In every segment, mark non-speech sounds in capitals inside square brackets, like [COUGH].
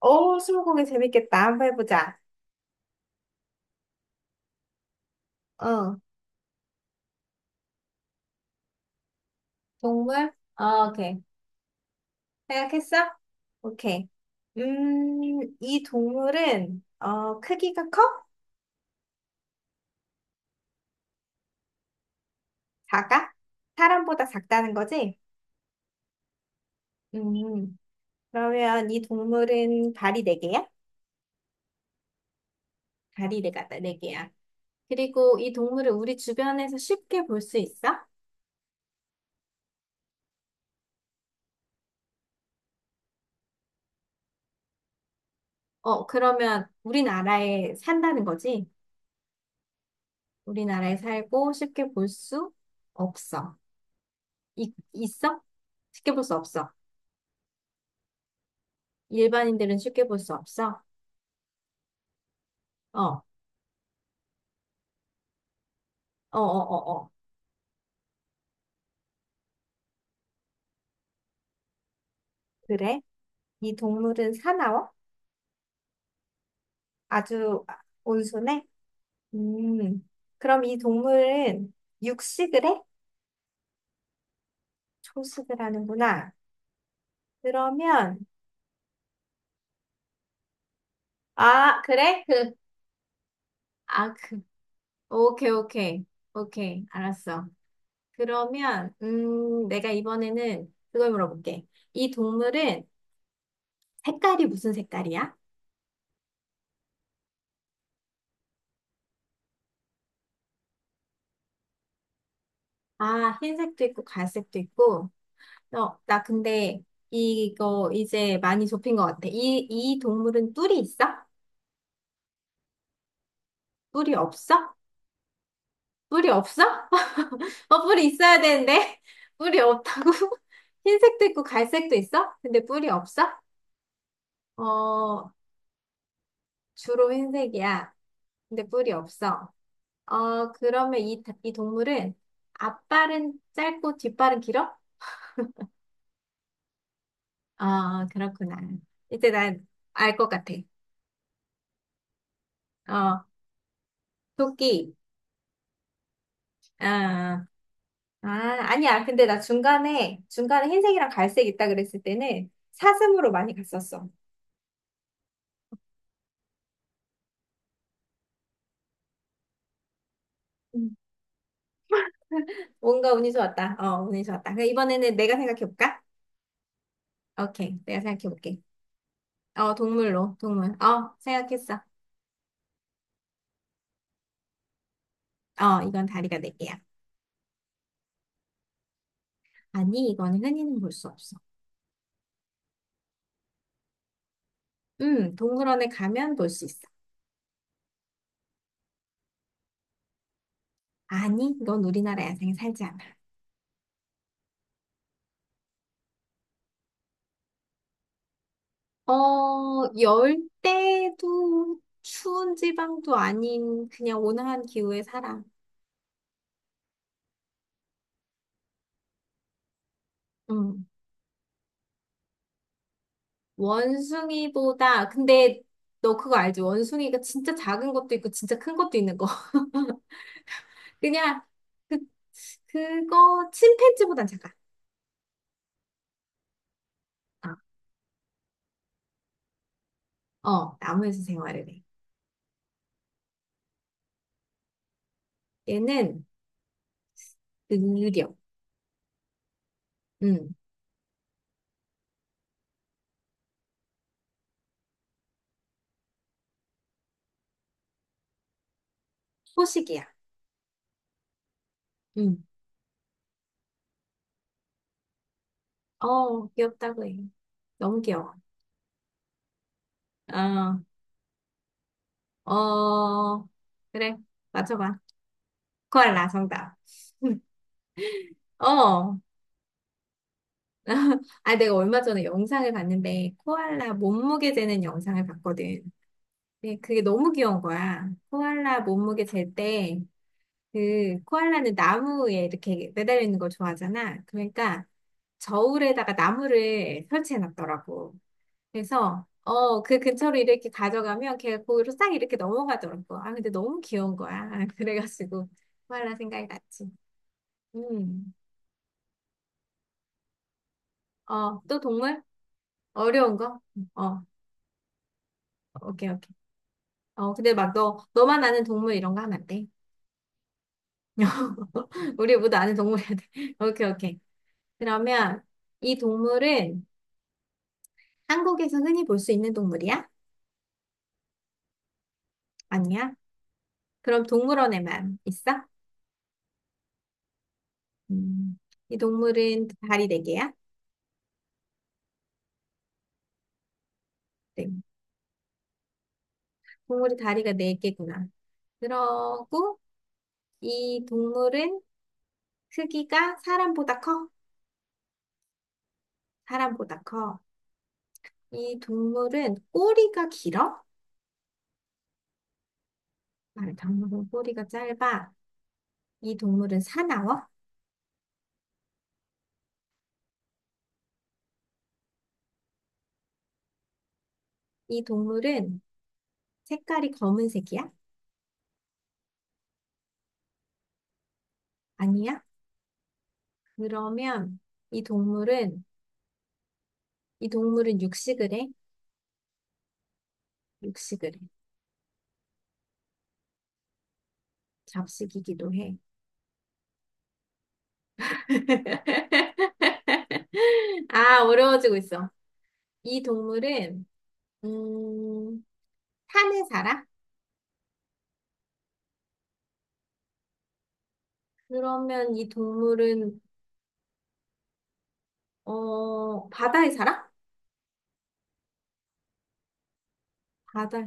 오, 스무고개 재밌겠다. 한번 해보자. 어, 동물? 오케이. 생각했어? 오케이. 이 동물은, 크기가 커? 작아? 사람보다 작다는 거지? 음, 그러면 이 동물은 발이 네개야. 발이 네가네개야. 그리고 이 동물을 우리 주변에서 쉽게 볼 수 있어? 그러면 우리나라에 산다는 거지? 우리나라에 살고 쉽게 볼 수 없어. 있어? 쉽게 볼 수 없어. 일반인들은 쉽게 볼 수 없어. 어, 어, 어, 어, 어. 그래? 이 동물은 사나워? 아주 온순해? 음, 그럼 이 동물은 육식을 해? 초식을 하는구나. 그러면, 아, 그래? 아, 그. 오케이, 오케이. 오케이. 알았어. 그러면, 내가 이번에는 그걸 물어볼게. 이 동물은 색깔이 무슨 색깔이야? 아, 흰색도 있고, 갈색도 있고. 나 근데 이거 이제 많이 좁힌 것 같아. 이 동물은 뿔이 있어? 뿔이 없어? 뿔이 없어? [LAUGHS] 뿔이 있어야 되는데. [LAUGHS] 뿔이 없다고? [LAUGHS] 흰색도 있고 갈색도 있어? 근데 뿔이 없어? 어, 주로 흰색이야. 근데 뿔이 없어. 그러면 이 동물은 앞발은 짧고 뒷발은 길어? 그렇구나. 이제 난 알 것 같아. 어, 토끼. 어, 아, 아니야. 근데 나 중간에 흰색이랑 갈색 있다 그랬을 때는 사슴으로 많이 갔었어. 음. 뭔가 운이 좋았다. 운이 좋았다. 그럼 이번에는 내가 생각해볼까? 오케이. 내가 생각해볼게. 동물로, 동물. 생각했어. 이건 다리가 네 개야. 아니, 이거는 흔히는 볼 수 없어. 동물원에 가면 볼 수 있어. 아니, 이건 우리나라 야생에 살지 않아. 열대도 추운 지방도 아닌 그냥 온화한 기후에 살아. 원숭이보다, 근데 너 그거 알지? 원숭이가 진짜 작은 것도 있고 진짜 큰 것도 있는 거. [LAUGHS] 그냥 그, 그거 침팬지보단 작아. 아, 나무에서 생활을 해. 얘는 느려. 음, 포식이야. 음, 귀엽다고 해. 너무 귀여워. 어, 어, 그래. 맞춰봐. 코알라 정답. [LAUGHS] 어. [LAUGHS] 아, 내가 얼마 전에 영상을 봤는데, 코알라 몸무게 재는 영상을 봤거든. 네, 그게 너무 귀여운 거야. 코알라 몸무게 잴 때, 코알라는 나무에 이렇게 매달려 있는 걸 좋아하잖아. 그러니까, 저울에다가 나무를 설치해 놨더라고. 그래서, 그 근처로 이렇게 가져가면 걔가 거기로 싹 이렇게 넘어가더라고. 아, 근데 너무 귀여운 거야. [LAUGHS] 그래가지고, 코알라 생각이 났지. 음, 또 동물? 어려운 거? 어, 오케이, 오케이. 근데 막 너만 아는 동물 이런 거 하면 안 돼. [LAUGHS] 우리 모두 아는 동물이야 돼. [LAUGHS] 오케이, 오케이. 그러면 이 동물은 한국에서 흔히 볼 수 있는 동물이야? 아니야? 그럼 동물원에만 있어? 음, 이 동물은 다리 네 개야? 네. 동물이 다리가 네 개구나. 그러고 이 동물은 크기가 사람보다 커? 사람보다 커. 이 동물은 꼬리가 길어? 아, 동물은 꼬리가 짧아. 이 동물은 사나워? 이 동물은 색깔이 검은색이야? 아니야? 그러면 이 동물은, 이 동물은 육식을 해? 육식을 해. 잡식이기도 해. [LAUGHS] 아, 어려워지고 있어. 이 동물은, 음, 산에 살아? 그러면 이 동물은, 바다에 살아? 바다,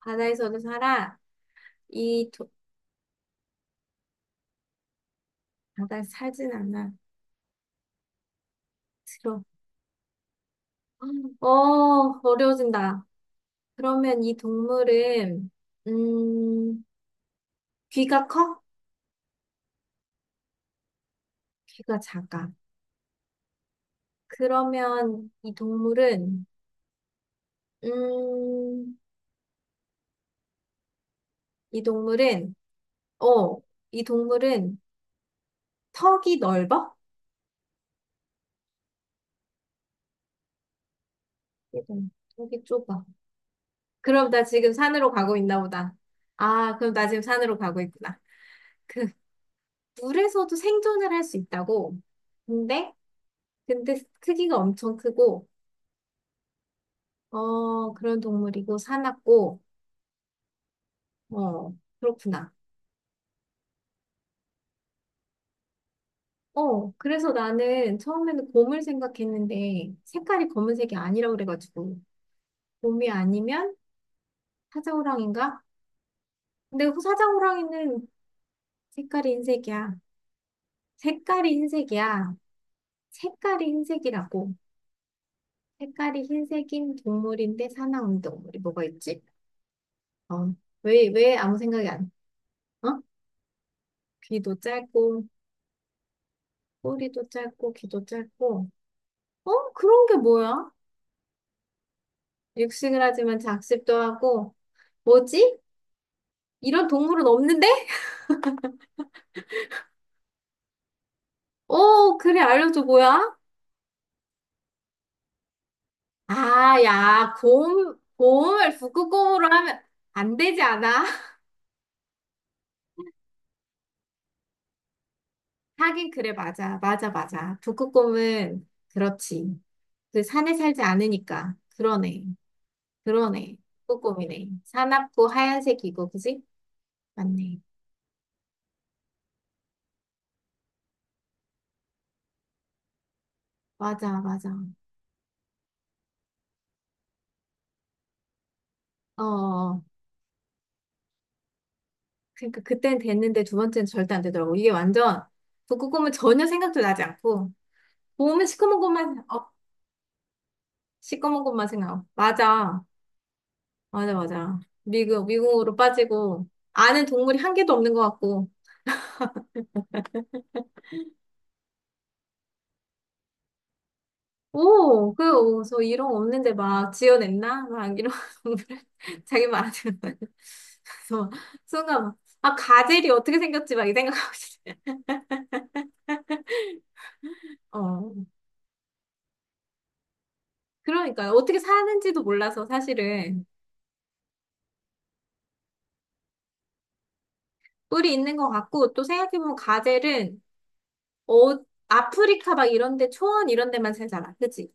바다에서도 살아? 이, 도, 바다에 살진 않아. 들어. 어, 어려워진다. 그러면 이 동물은, 음, 귀가 커? 귀가 작아. 그러면 음, 이 동물은, 어, 이 동물은 턱이 넓어? 이 동- 턱이 좁아. 그럼 나 지금 산으로 가고 있나 보다. 아, 그럼 나 지금 산으로 가고 있구나. 물에서도 생존을 할 수 있다고. 근데, 근데 크기가 엄청 크고, 그런 동물이고, 사납고, 어, 그렇구나. 그래서 나는 처음에는 곰을 생각했는데, 색깔이 검은색이 아니라고 그래가지고, 곰이 아니면 사자호랑인가? 근데 그 사자호랑이는 색깔이 흰색이야. 색깔이 흰색이야. 색깔이 흰색이라고. 색깔이 흰색인 동물인데 사나운 동물이 뭐가 있지? 어, 왜 아무 생각이 안, 어? 귀도 짧고, 꼬리도 짧고, 귀도 짧고. 어? 그런 게 뭐야? 육식을 하지만 작습도 하고. 뭐지? 이런 동물은 없는데? 그래, 알려줘, 뭐야? 아, 야, 곰을 북극곰으로 하면 안 되지 않아? 하긴 그래, 맞아. 맞아, 맞아. 북극곰은, 그렇지. 그 산에 살지 않으니까. 그러네. 그러네. 북극곰이네. 사납고 하얀색이고, 그지? 맞네. 맞아, 맞아. 어, 어, 어. 그러니까 그때는 됐는데 두 번째는 절대 안 되더라고. 이게 완전, 북극곰은 전혀 생각도 나지 않고, 보면 시커먼 것만, 시커먼 것만 생각. 맞아. 맞아, 맞아. 미궁으로 빠지고, 아는 동물이 한 개도 없는 것 같고. 오, 그래서 이런 거 없는데 막 지어냈나? 막 이런 [LAUGHS] 자기 말안는 거야. 그래서 순간 막, 아, 가젤이 어떻게 생겼지? 막 이 생각하고 있어요. [LAUGHS] 어, 그러니까요. 어떻게 사는지도 몰라서 사실은 뿌리 있는 것 같고 또 생각해보면 가젤은 어, 아프리카 막 이런 데 초원 이런 데만 살잖아. 그치?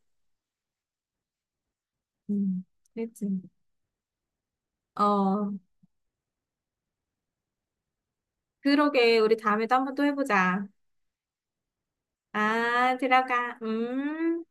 음, 그치. 어, 그러게. 우리 다음에도 한번 또 해보자. 아, 들어가. 음.